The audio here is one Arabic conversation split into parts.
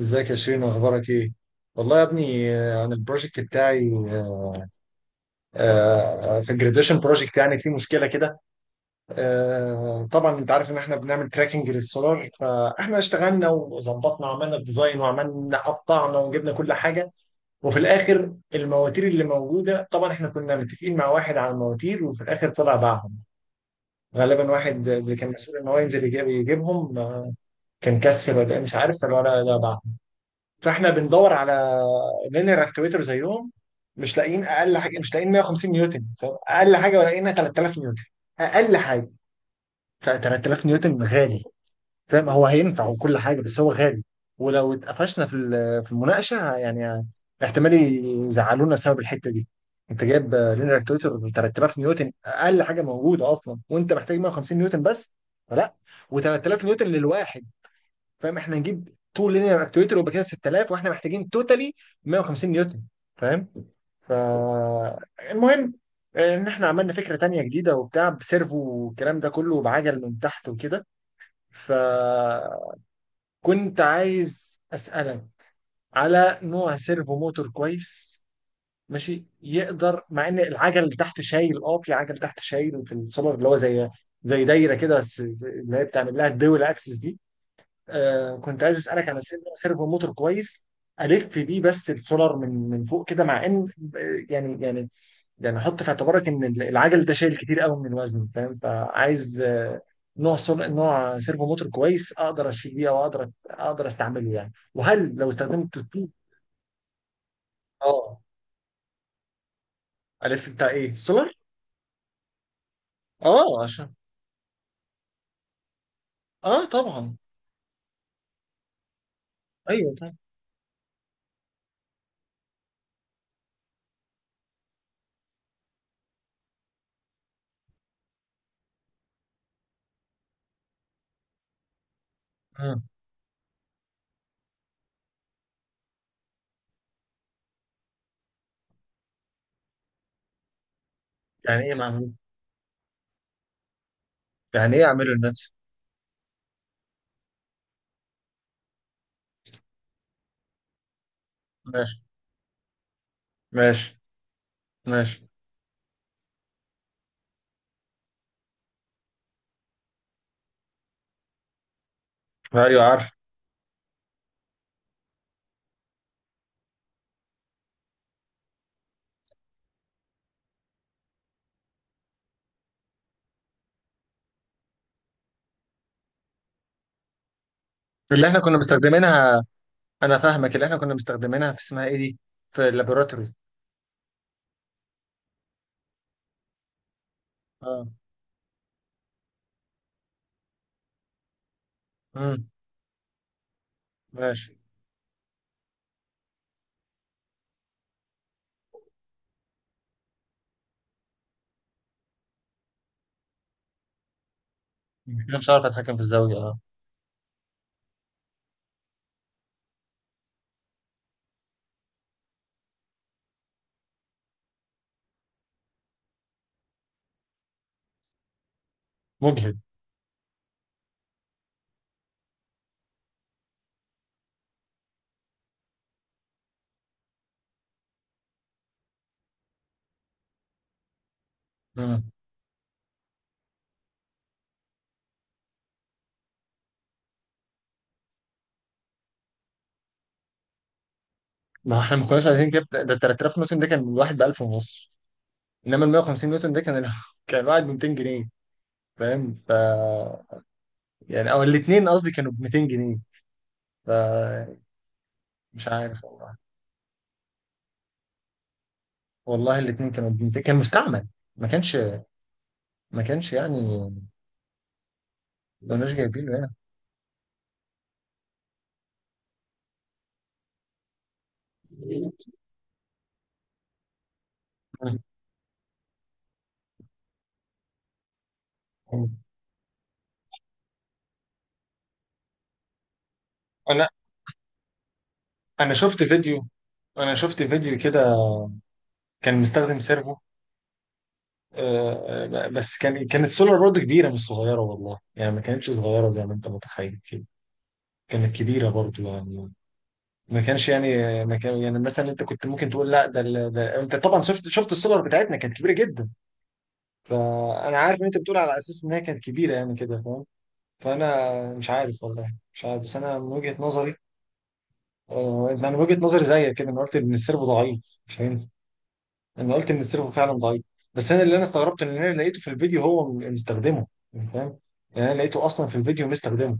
ازيك يا شيرين، اخبارك ايه؟ والله يا ابني، انا البروجكت بتاعي. في الجراديشن بروجكت يعني في مشكله كده. طبعا انت عارف ان احنا بنعمل تراكنج للسولار، فاحنا اشتغلنا وظبطنا وعملنا الديزاين وعملنا قطعنا وجبنا كل حاجه. وفي الاخر المواتير اللي موجوده، طبعا احنا كنا متفقين مع واحد على المواتير وفي الاخر طلع باعهم. غالبا واحد اللي كان مسؤول ان هو ينزل يجيبهم كان كسل ولا إيه مش عارف، فالولد ده باعهم. فاحنا بندور على لينير اكتويتر زيهم، مش لاقيين اقل حاجه، مش لاقيين 150 نيوتن، فاهم؟ اقل حاجه لاقينا 3000 نيوتن اقل حاجه. ف 3000 نيوتن غالي، فاهم؟ هو هينفع وكل حاجه بس هو غالي. ولو اتقفشنا في في المناقشه يعني، احتمال يزعلونا بسبب الحته دي. انت جايب لينير اكتويتر 3000 نيوتن اقل حاجه موجوده اصلا، وانت محتاج 150 نيوتن بس. فلا، و3000 نيوتن للواحد، فاهم؟ احنا هنجيب 2 لينير اكتويتر ويبقى كده 6000، واحنا محتاجين توتالي 150 نيوتن، فاهم؟ ف المهم ان احنا عملنا فكره تانية جديده وبتاع بسيرفو والكلام ده كله بعجل من تحت وكده. فكنت عايز اسالك على نوع سيرفو موتور كويس ماشي، يقدر مع ان العجل اللي تحت شايل. اه، في عجل تحت شايل في السولار اللي هو زي دايره كده، بس اللي هي بتعمل لها الدول اكسس دي. آه كنت عايز اسالك على سيرفو موتور كويس الف بيه بس السولار، من فوق كده، مع ان آه، يعني يعني يعني حط في اعتبارك ان العجل ده شايل كتير قوي من الوزن، فاهم؟ فعايز، نوع نوع سيرفو موتور كويس اقدر اشيل بيه، او اقدر استعمله يعني، وهل لو استخدمت الطوب. اه. الف بتاع ايه، السولار؟ اه عشان. اه طبعا. ايوه طبعا. مم. يعني ايه معمول؟ يعني ايه اعمله لنفسي؟ ماشي. ماشي. ماشي. ايوه عارف. اللي احنا كنا مستخدمينها، انا فاهمك، اللي احنا كنا مستخدمينها في اسمها ايه دي، في اللابوراتوري. اه. امم. ماشي. انا مش عارف اتحكم في الزاويه، اه. مجهد. امم. ما احنا ما كناش عايزين كده، ده ال 3000 نيوتن ده كان الواحد ب 1000 ونص. انما ال 150 نيوتن ده كان كان واحد ب 200 جنيه، فاهم؟ ف يعني او الاثنين قصدي كانوا ب 200 جنيه. ف مش عارف والله. والله الاثنين كانوا ب 200، كان مستعمل. ما كانش يعني، ما كناش جايبينه هنا. مم. انا انا شفت فيديو، كده كان مستخدم سيرفو. بس كان كانت سولار برضه كبيره مش صغيره، والله يعني ما كانتش صغيره زي ما انت متخيل كده. كانت كبيره برضه يعني، ما كانش يعني، ما كان يعني مثلا انت كنت ممكن تقول لا ده، ده انت طبعا شفت، السولار بتاعتنا كانت كبيره جدا. فانا عارف ان انت بتقول على اساس ان هي كانت كبيره يعني كده، فاهم؟ فانا مش عارف والله، مش عارف، بس انا من وجهه نظري، انا من وجهه نظري زيك كده، انا قلت ان السيرفو ضعيف مش هينفع. انا قلت ان السيرفو فعلا ضعيف، بس انا اللي انا استغربته ان انا لقيته في الفيديو هو مستخدمه، يعني فاهم؟ يعني انا لقيته اصلا في الفيديو مستخدمه.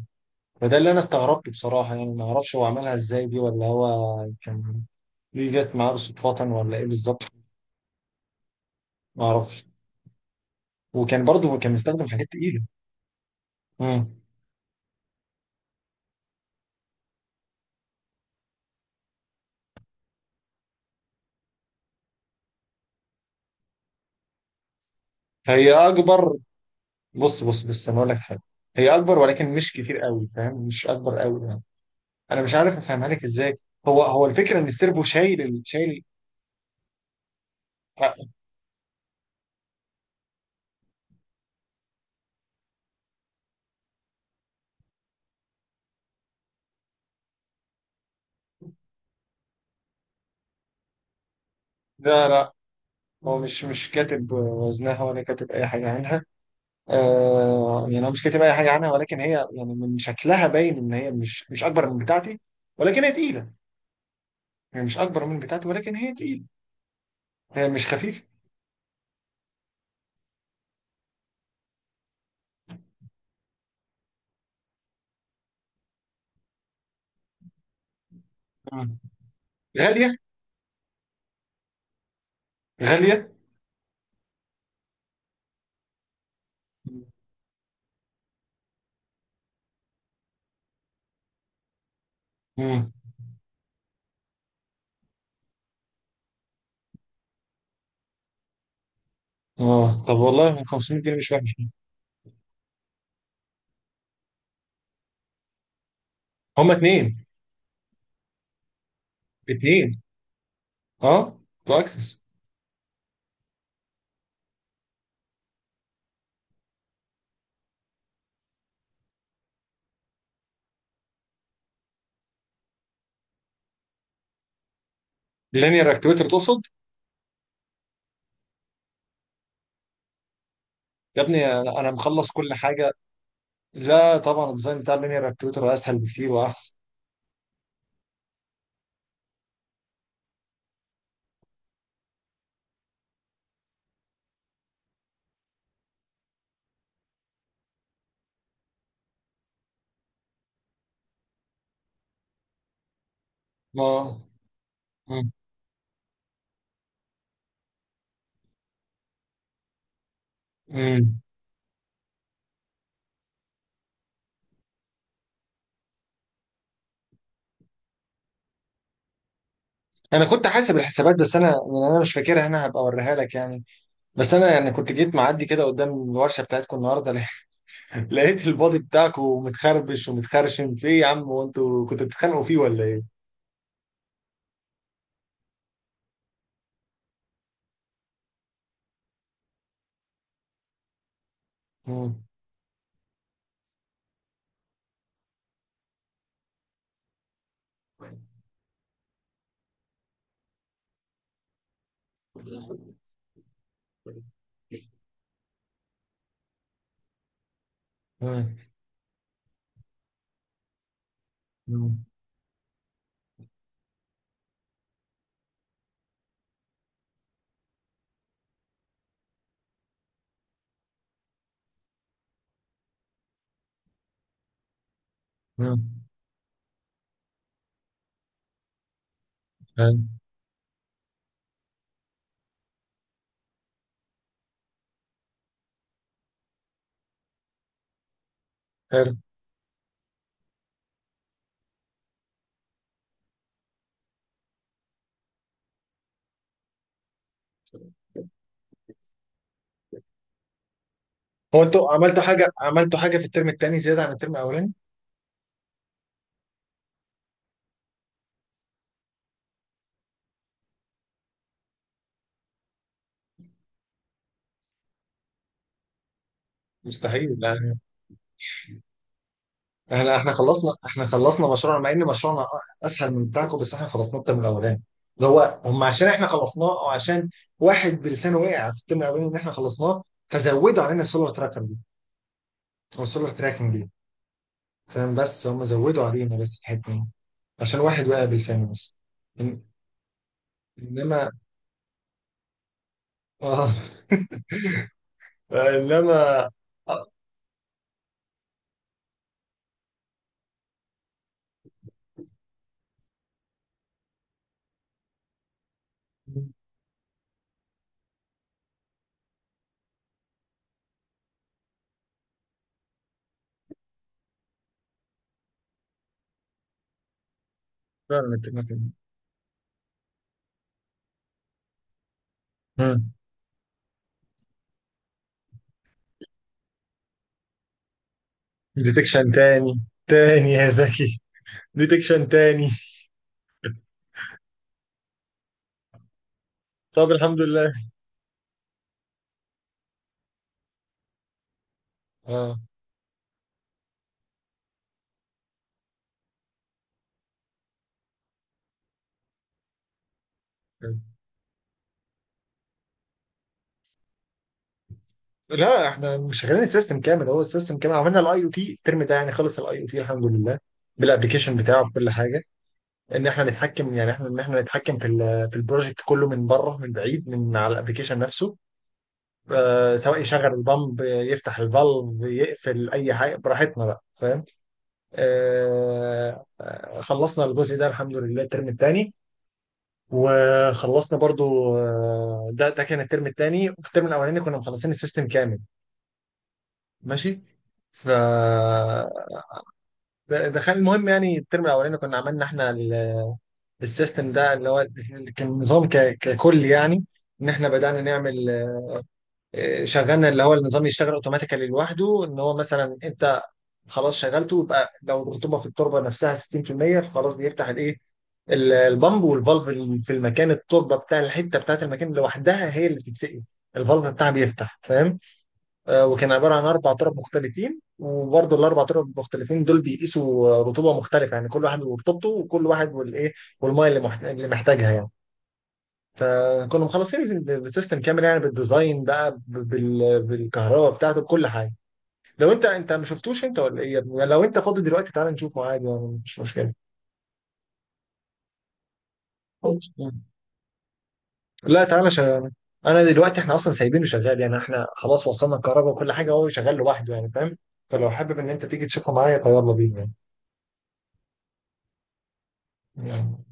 فده اللي انا استغربته بصراحه، يعني ما اعرفش هو عملها ازاي دي، ولا هو كان دي جت معاه صدفه ولا ايه بالظبط، ما اعرفش. وكان برضه كان مستخدم حاجات تقيله. امم. هي اكبر. بص بص بص انا اقول لك حاجه، هي اكبر ولكن مش كتير قوي، فاهم؟ مش اكبر قوي يعني، انا مش عارف افهمها لك ازاي. هو الفكره ان السيرفو شايل، شايل. لا لا، هو مش كاتب وزنها ولا كاتب اي حاجه عنها. آه يعني هو مش كاتب اي حاجه عنها، ولكن هي يعني من شكلها باين ان هي مش اكبر من بتاعتي، ولكن هي تقيله. يعني مش اكبر من بتاعتي ولكن هي تقيله، هي مش خفيفه. مم. غاليه. غاليه. مم. اه، طب والله 500 جنيه مش وحش. هما اتنين. اتنين، اه، تو اكسس. لينير اكتويتر تقصد؟ يا ابني انا مخلص كل حاجه. لا طبعا الديزاين بتاع اللينير اكتويتر اسهل بكتير واحسن. ما. مم. انا كنت حاسب الحسابات بس انا يعني انا مش فاكرها، انا هبقى اوريها لك يعني. بس انا يعني كنت جيت معدي كده قدام الورشه بتاعتكم النهارده، لقيت لقيت البادي بتاعكم متخربش ومتخرشم في ايه يا عم؟ هو انتوا كنتوا بتتخانقوا فيه ولا ايه؟ مم. مم. مم. مم. حلو. حلو. هو انتوا عملتوا حاجه، في الترم الثاني زياده عن الترم الاولاني؟ مستحيل يعني. احنا خلصنا، مشروعنا، مع ان مشروعنا اسهل من بتاعكم، بس احنا خلصناه الترم الاولاني. اللي هو، هم عشان احنا خلصناه، او عشان واحد بلسانه وقع في الترم الاولاني ان احنا خلصناه، فزودوا علينا السولار تراكر دي او السولار تراكنج دي، فاهم؟ بس هم زودوا علينا بس الحته دي عشان واحد وقع بلسانه بس. إن- انما اه. انما، آه، فعلا. ديتكشن تاني، تاني يا زكي، ديتكشن تاني. طب الحمد لله. اه لا، احنا مش شغالين السيستم كامل، هو السيستم كامل. عملنا الاي او تي الترم ده يعني، خلص الاي او تي الحمد لله، بالابلكيشن بتاعه بكل حاجه، ان احنا نتحكم يعني، احنا ان احنا نتحكم في في البروجكت كله من بره من بعيد من على الابلكيشن نفسه. آه سواء يشغل البامب يفتح الفالف يقفل اي حاجه براحتنا بقى، فاهم؟ خلصنا الجزء ده الحمد لله الترم الثاني. وخلصنا برضو، ده كان الترم الثاني. في الترم الاولاني كنا مخلصين السيستم كامل. ماشي. ف دخل المهم يعني الترم الاولاني كنا عملنا احنا، السيستم ده اللي هو، كان نظام ككل يعني. ان احنا بدأنا نعمل، شغلنا اللي هو النظام يشتغل اوتوماتيكالي لوحده، ان هو مثلا انت خلاص شغلته، يبقى لو الرطوبه في التربه نفسها 60% فخلاص بيفتح الايه، البامب والفالف، في المكان، التربه بتاع الحته بتاعت المكان لوحدها هي اللي بتتسقي، الفالف بتاعها بيفتح. وكان عبارة عن أربع تراب مختلفين، وبرضه الأربع تراب المختلفين دول بيقيسوا، رطوبة مختلفة، يعني كل واحد ورطوبته وكل واحد والإيه والمية اللي اللي محتاجها يعني. فكنا مخلصين السيستم كامل يعني، بالديزاين بقى، ب- بال- بالكهرباء بتاعته بكل حاجة. لو أنت، ما شفتوش أنت ولا إيه يا ابني؟ لو أنت فاضي دلوقتي تعالى نشوفه عادي يعني، مفيش مشكلة. لا تعالى شغال، أنا دلوقتي إحنا أصلا سايبينه شغال يعني، إحنا خلاص وصلنا الكهرباء وكل حاجة، هو شغال لوحده يعني، فاهم؟ فلو حابب إن أنت تيجي تشوفه معايا فيلا بينا يعني.